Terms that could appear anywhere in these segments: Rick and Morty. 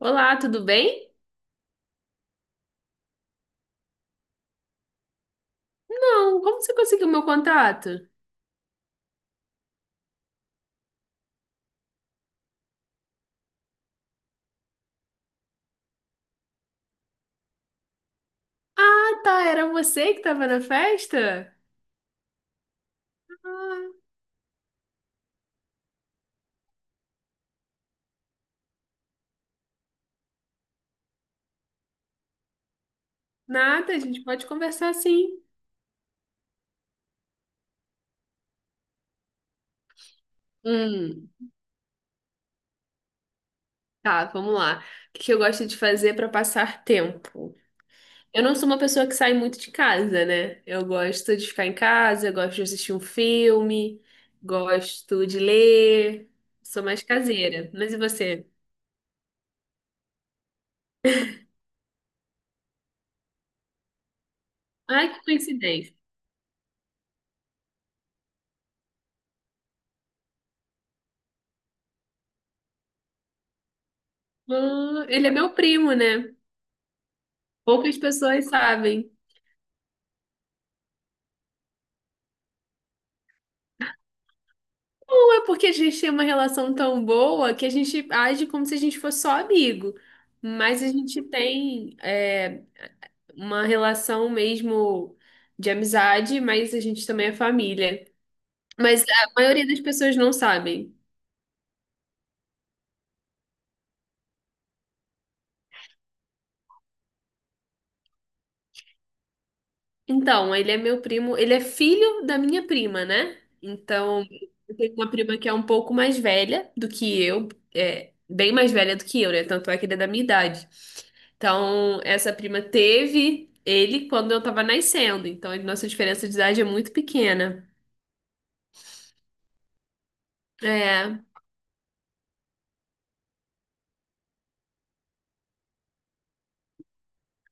Olá, tudo bem? Não, como você conseguiu meu contato? Ah, tá, era você que estava na festa? Ah, nada, a gente pode conversar sim. Hum, tá, vamos lá. O que que eu gosto de fazer para passar tempo? Eu não sou uma pessoa que sai muito de casa, né? Eu gosto de ficar em casa, eu gosto de assistir um filme, gosto de ler, sou mais caseira. Mas e você? Ai, que coincidência. Ah, ele é meu primo, né? Poucas pessoas sabem. Ou é porque a gente tem uma relação tão boa que a gente age como se a gente fosse só amigo. Mas a gente tem uma relação mesmo de amizade, mas a gente também é família. Mas a maioria das pessoas não sabem. Então, ele é meu primo, ele é filho da minha prima, né? Então, eu tenho uma prima que é um pouco mais velha do que eu, é, bem mais velha do que eu, né? Tanto é que ele é da minha idade. Então, essa prima teve ele quando eu tava nascendo. Então, a nossa diferença de idade é muito pequena. É,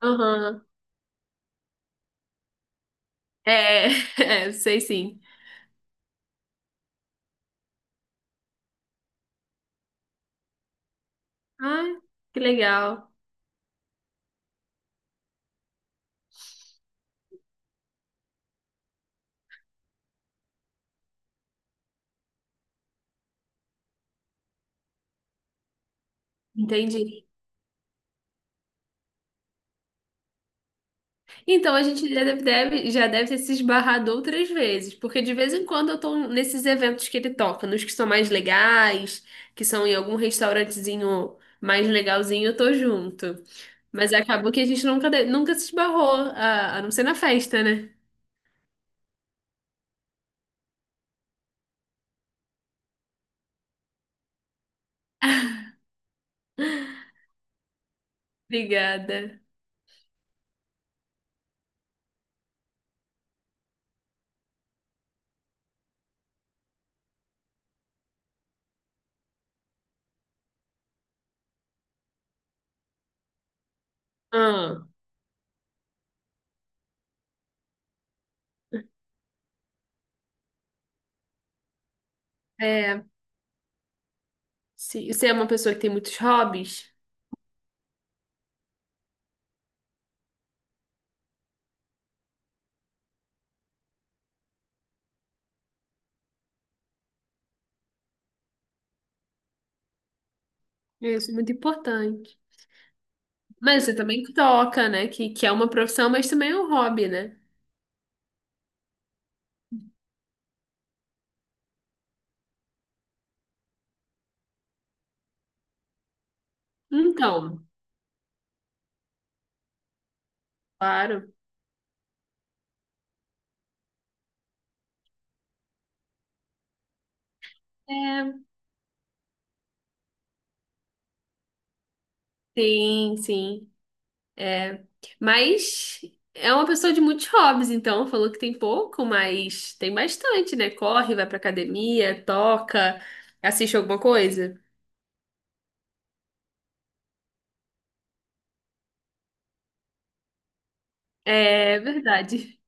aham. É, é, sei sim. Ah, que legal. Entendi. Então, a gente já já deve ter se esbarrado outras vezes, porque de vez em quando eu tô nesses eventos que ele toca, nos que são mais legais, que são em algum restaurantezinho mais legalzinho, eu tô junto. Mas acabou que a gente nunca se esbarrou, a não ser na festa, né? Obrigada. Ah, é, se você é uma pessoa que tem muitos hobbies, isso é muito importante. Mas você também toca, né? Que é uma profissão, mas também é um hobby, né? Então, claro. É, sim. Mas é uma pessoa de muitos hobbies, então falou que tem pouco, mas tem bastante, né? Corre, vai pra academia, toca, assiste alguma coisa. É verdade.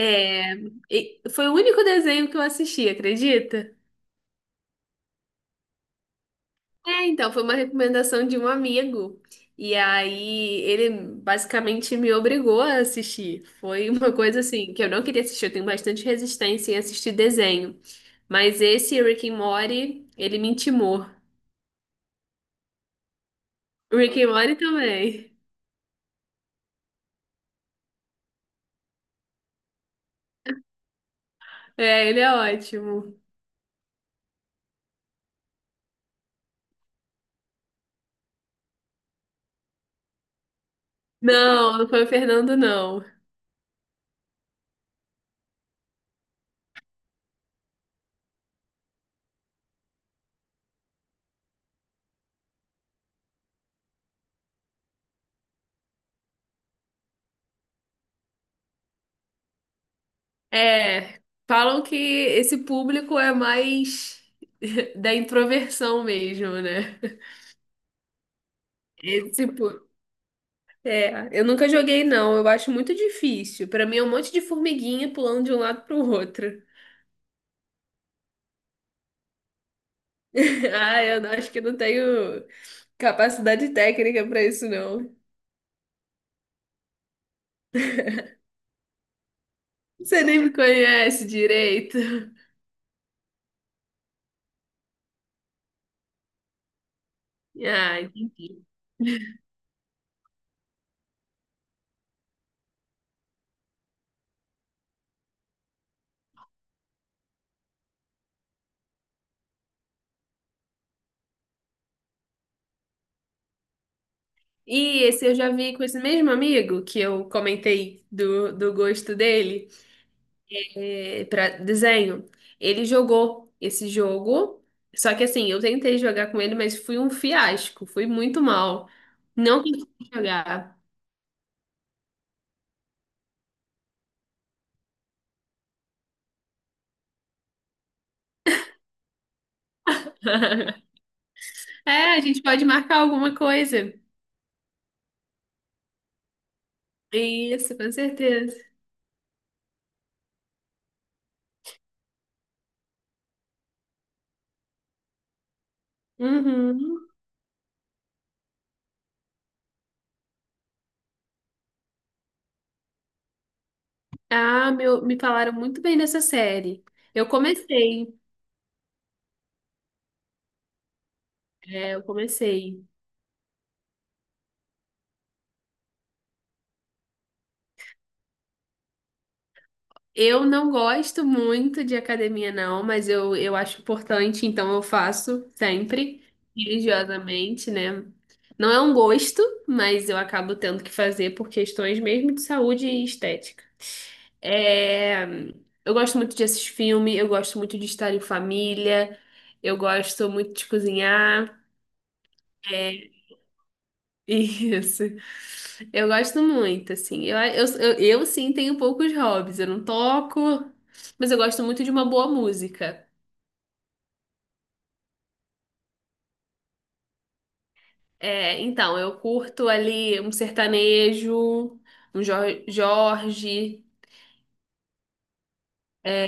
É, e foi o único desenho que eu assisti, acredita? É, então, foi uma recomendação de um amigo. E aí ele basicamente me obrigou a assistir. Foi uma coisa assim que eu não queria assistir, eu tenho bastante resistência em assistir desenho. Mas esse Rick and Morty, ele me intimou. Rick and Morty também. É, ele é ótimo. Não, não foi o Fernando, não. É, falam que esse público é mais da introversão mesmo, né? Esse, é, eu nunca joguei, não. Eu acho muito difícil. Pra mim é um monte de formiguinha pulando de um lado pro outro. Ah, eu não- Acho que não tenho capacidade técnica pra isso, não. Você nem me conhece direito. Ah, entendi. E esse eu já vi com esse mesmo amigo que eu comentei do gosto dele, é, para desenho. Ele jogou esse jogo, só que assim, eu tentei jogar com ele, mas fui um fiasco, fui muito mal. Não consegui jogar. É, a gente pode marcar alguma coisa. Isso, com certeza. Uhum. Ah, meu, me falaram muito bem dessa série. Eu comecei, eu comecei. Eu não gosto muito de academia, não, mas eu acho importante, então eu faço sempre, religiosamente, né? Não é um gosto, mas eu acabo tendo que fazer por questões mesmo de saúde e estética. É, eu gosto muito de assistir filme, eu gosto muito de estar em família, eu gosto muito de cozinhar. É, isso. Eu gosto muito, assim. Sim, tenho poucos hobbies, eu não toco, mas eu gosto muito de uma boa música. É, então, eu curto ali um sertanejo, um Jorge. É,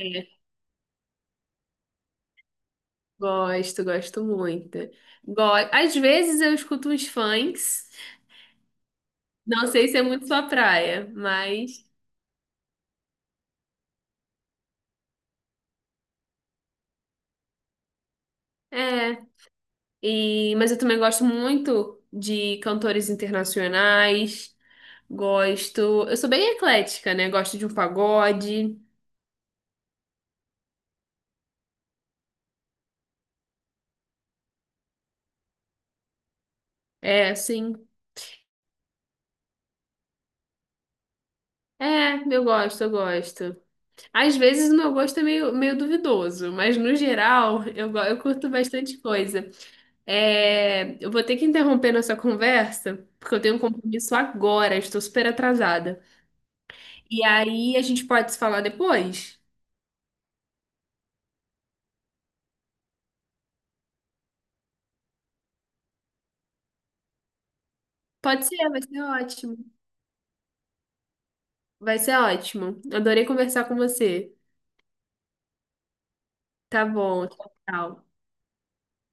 gosto, gosto muito. Às vezes eu escuto uns funks. Não sei se é muito sua praia, mas é. E, mas eu também gosto muito de cantores internacionais. Gosto. Eu sou bem eclética, né? Gosto de um pagode. É, sim. É, eu gosto, eu gosto. Às vezes o meu gosto é meio, meio duvidoso, mas no geral eu curto bastante coisa. É, eu vou ter que interromper nossa conversa, porque eu tenho um compromisso agora, estou super atrasada. E aí a gente pode se falar depois? Pode ser, vai ser ótimo. Vai ser ótimo. Adorei conversar com você. Tá bom, tchau. Tchau.